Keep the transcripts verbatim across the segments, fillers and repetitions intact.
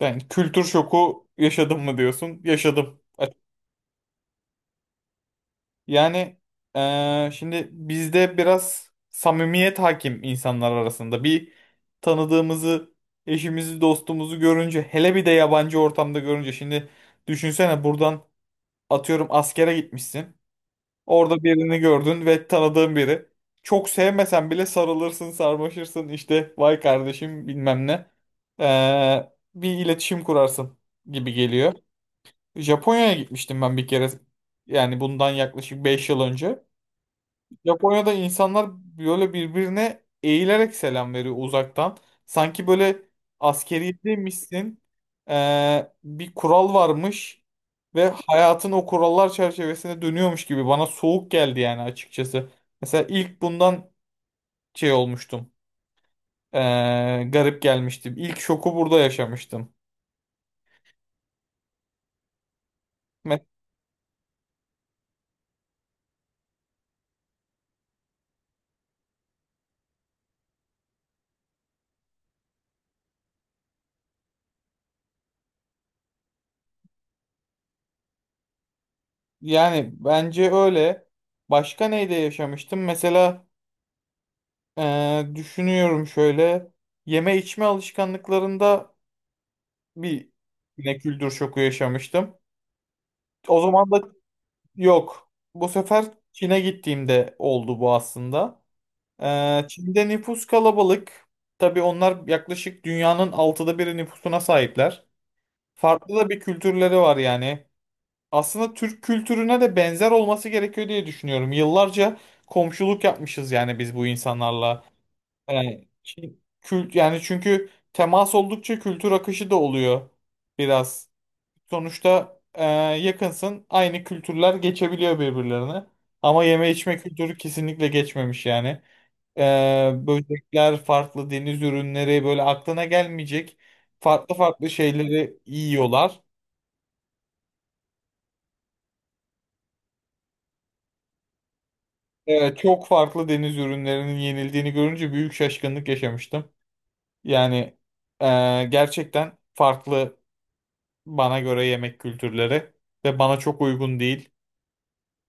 Yani kültür şoku yaşadım mı diyorsun? Yaşadım. Yani eee, şimdi bizde biraz samimiyet hakim insanlar arasında. Bir tanıdığımızı, eşimizi, dostumuzu görünce, hele bir de yabancı ortamda görünce. Şimdi düşünsene buradan atıyorum askere gitmişsin. Orada birini gördün ve tanıdığın biri. Çok sevmesen bile sarılırsın, sarmaşırsın. İşte vay kardeşim bilmem ne. Eee, bir iletişim kurarsın gibi geliyor. Japonya'ya gitmiştim ben bir kere. Yani bundan yaklaşık beş yıl önce. Japonya'da insanlar böyle birbirine eğilerek selam veriyor uzaktan. Sanki böyle askeriyedeymişsin. Ee, bir kural varmış ve hayatın o kurallar çerçevesinde dönüyormuş gibi bana soğuk geldi yani açıkçası. Mesela ilk bundan şey olmuştum. Ee, garip gelmiştim. İlk şoku burada yaşamıştım. Me- Yani bence öyle. Başka neyde yaşamıştım? Mesela Ee, düşünüyorum şöyle. Yeme içme alışkanlıklarında bir yine kültür şoku yaşamıştım. O zaman da yok. Bu sefer Çin'e gittiğimde oldu bu aslında. Ee, Çin'de nüfus kalabalık. Tabii onlar yaklaşık dünyanın altıda biri nüfusuna sahipler. Farklı da bir kültürleri var yani. Aslında Türk kültürüne de benzer olması gerekiyor diye düşünüyorum. Yıllarca komşuluk yapmışız yani biz bu insanlarla. Yani ki- kült yani çünkü temas oldukça kültür akışı da oluyor biraz. Sonuçta e, yakınsın, aynı kültürler geçebiliyor birbirlerine. Ama yeme içme kültürü kesinlikle geçmemiş yani. E, böcekler, farklı deniz ürünleri böyle aklına gelmeyecek farklı farklı şeyleri yiyorlar. E, çok farklı deniz ürünlerinin yenildiğini görünce büyük şaşkınlık yaşamıştım. Yani e, gerçekten farklı bana göre yemek kültürleri ve bana çok uygun değil.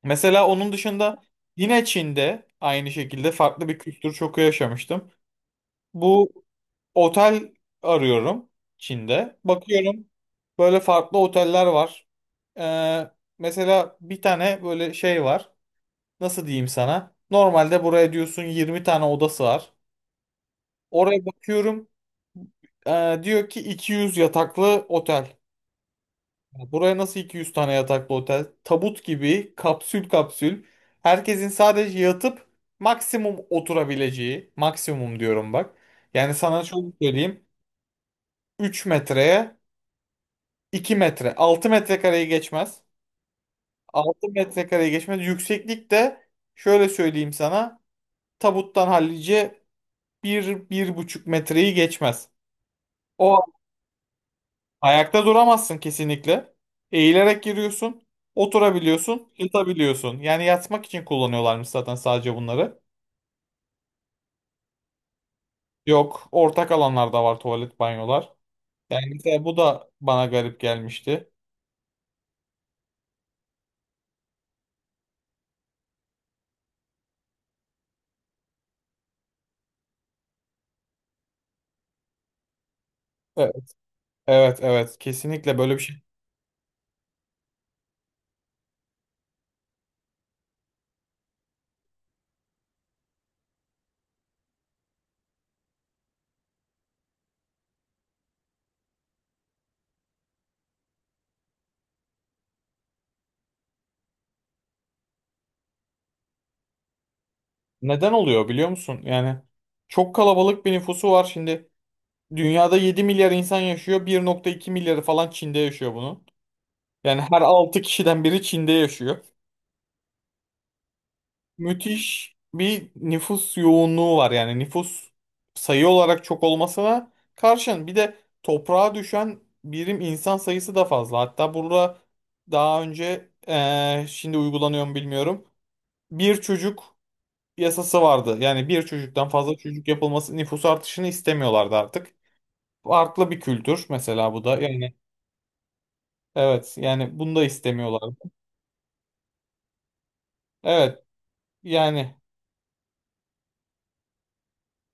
Mesela onun dışında yine Çin'de aynı şekilde farklı bir kültür çoku yaşamıştım. Bu otel arıyorum Çin'de. Bakıyorum böyle farklı oteller var. Ee, mesela bir tane böyle şey var. Nasıl diyeyim sana? Normalde buraya diyorsun yirmi tane odası var. Oraya bakıyorum. ee, diyor ki iki yüz yataklı otel. Buraya nasıl iki yüz tane yataklı otel? Tabut gibi kapsül kapsül. Herkesin sadece yatıp maksimum oturabileceği. Maksimum diyorum bak. Yani sana şöyle söyleyeyim. Üç metreye iki metre. Altı metrekareyi geçmez. Altı metrekareyi geçmez. Yükseklik de şöyle söyleyeyim sana. Tabuttan hallice bir buçuk metreyi geçmez. O Ayakta duramazsın kesinlikle. Eğilerek giriyorsun. Oturabiliyorsun. Yatabiliyorsun. Yani yatmak için kullanıyorlarmış zaten sadece bunları. Yok. Ortak alanlarda var tuvalet, banyolar. Yani mesela bu da bana garip gelmişti. E- Evet, evet, kesinlikle böyle bir şey. Neden oluyor biliyor musun? Yani çok kalabalık bir nüfusu var şimdi. Dünyada yedi milyar insan yaşıyor. Bir nokta iki milyarı falan Çin'de yaşıyor bunun. Yani her altı kişiden biri Çin'de yaşıyor. Müthiş bir nüfus yoğunluğu var. Yani nüfus sayı olarak çok olmasına karşın bir de toprağa düşen birim insan sayısı da fazla. Hatta burada daha önce eee, şimdi uygulanıyor mu bilmiyorum. Bir çocuk yasası vardı. Yani bir çocuktan fazla çocuk yapılması nüfus artışını istemiyorlardı artık. Farklı bir kültür mesela bu da. Yani evet yani bunu da istemiyorlardı. Evet yani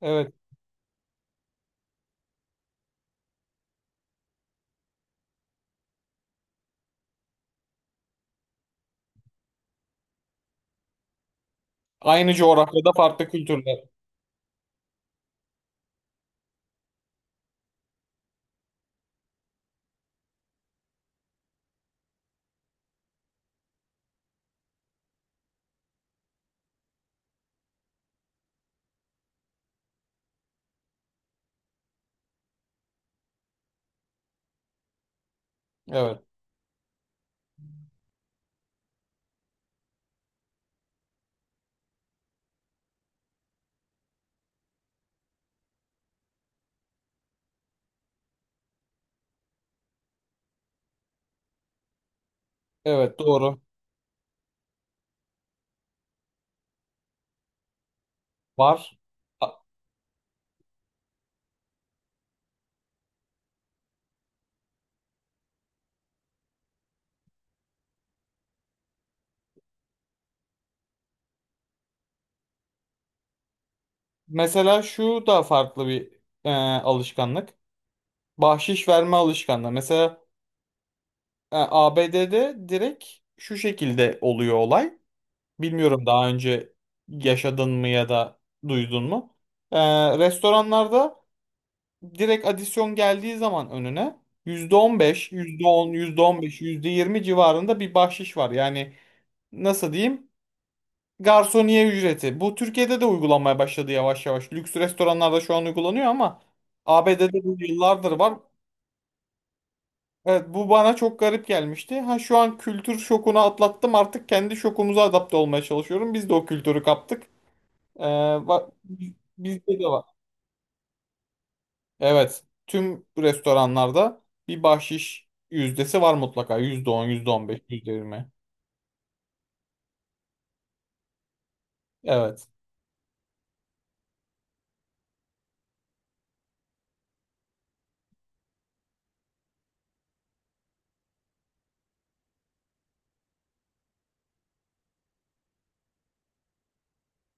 evet. Aynı coğrafyada farklı kültürler. Evet. Evet doğru. Var. A- Mesela şu da farklı bir e, alışkanlık. Bahşiş verme alışkanlığı. Mesela e, A B D'de direkt şu şekilde oluyor olay. Bilmiyorum daha önce yaşadın mı ya da duydun mu? E, restoranlarda direkt adisyon geldiği zaman önüne yüzde yüzde yüzde on on, beş, on beş, yüzde yirmi civarında bir bahşiş var. Yani nasıl diyeyim? Garsoniye ücreti. Bu Türkiye'de de uygulanmaya başladı yavaş yavaş. Lüks restoranlarda şu an uygulanıyor ama A B D'de bu yıllardır var. Evet, bu bana çok garip gelmişti. Ha şu an kültür şokunu atlattım, artık kendi şokumuza adapte olmaya çalışıyorum. Biz de o kültürü kaptık. Ee, bak bizde de var. Evet, tüm restoranlarda bir bahşiş yüzdesi var mutlaka. Yüzde on, yüzde on beş, yüzde yirmi. Evet.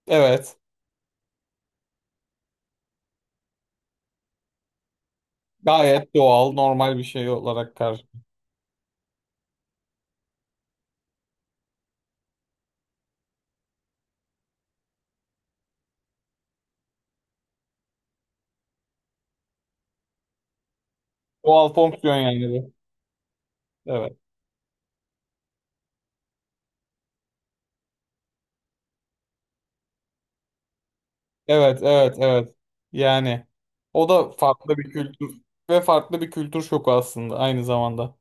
Evet. Gayet doğal, normal bir şey olarak kar. Doğal fonksiyon yani bu. Evet. Evet, evet, evet. Yani o da farklı bir kültür ve farklı bir kültür şoku aslında aynı zamanda.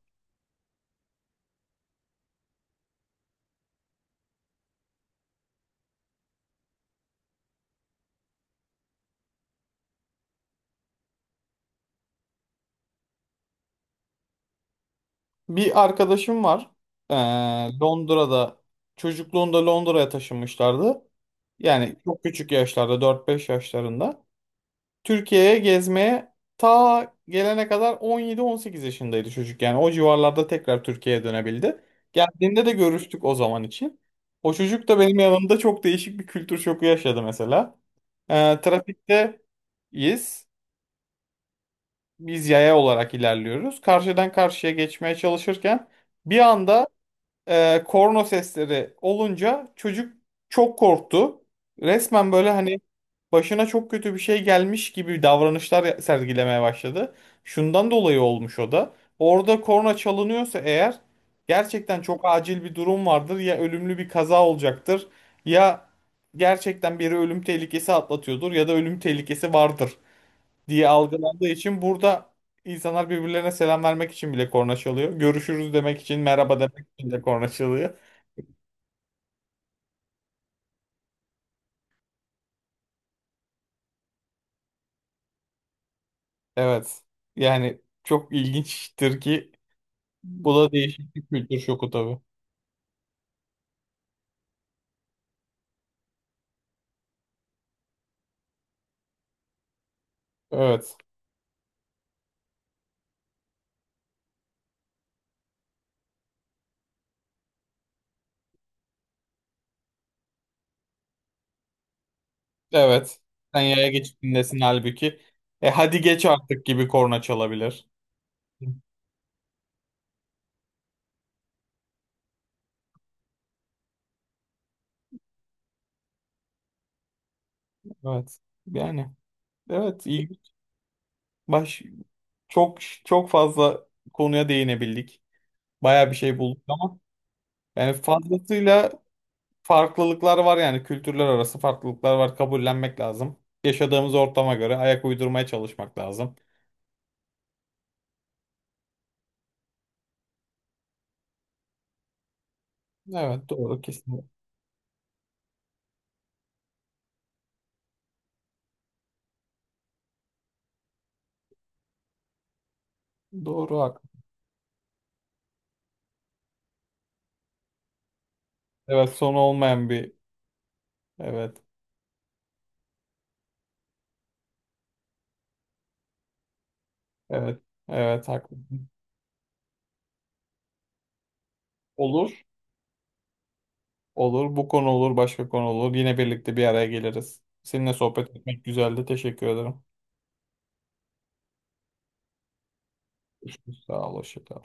Bir arkadaşım var. Ee, Londra'da çocukluğunda Londra'ya taşınmışlardı. Yani çok küçük yaşlarda, dört beş yaşlarında. Türkiye'ye gezmeye ta gelene kadar on yedi on sekiz yaşındaydı çocuk. Yani o civarlarda tekrar Türkiye'ye dönebildi. Geldiğinde de görüştük o zaman için. O çocuk da benim yanımda çok değişik bir kültür şoku yaşadı mesela. Ee, trafikteyiz. Biz yaya olarak ilerliyoruz. Karşıdan karşıya geçmeye çalışırken bir anda e, korna sesleri olunca çocuk çok korktu. Resmen böyle hani başına çok kötü bir şey gelmiş gibi davranışlar sergilemeye başladı. Şundan dolayı olmuş o da. Orada korna çalınıyorsa eğer gerçekten çok acil bir durum vardır. Ya ölümlü bir kaza olacaktır, ya gerçekten biri ölüm tehlikesi atlatıyordur ya da ölüm tehlikesi vardır diye algılandığı için burada insanlar birbirlerine selam vermek için bile korna çalıyor. Görüşürüz demek için, merhaba demek için de korna çalıyor. Evet. Yani çok ilginçtir ki bu da değişik bir kültür şoku tabii. Evet. Evet. Sen yaya geçip dinlesin halbuki. E hadi geç artık gibi korna çalabilir. Evet. Yani evet, ilginç. Baş çok çok fazla konuya değinebildik. Baya bir şey bulduk ama yani fazlasıyla farklılıklar var, yani kültürler arası farklılıklar var, kabullenmek lazım. Yaşadığımız ortama göre ayak uydurmaya çalışmak lazım. Evet, doğru kesin. Doğru, haklı. Evet, sonu olmayan bir, evet, evet, evet, haklısın. Olur, olur bu konu olur başka konu olur, yine birlikte bir araya geliriz. Seninle sohbet etmek güzeldi, teşekkür ederim. Görüşürüz. Sağ ol, hoşça kal.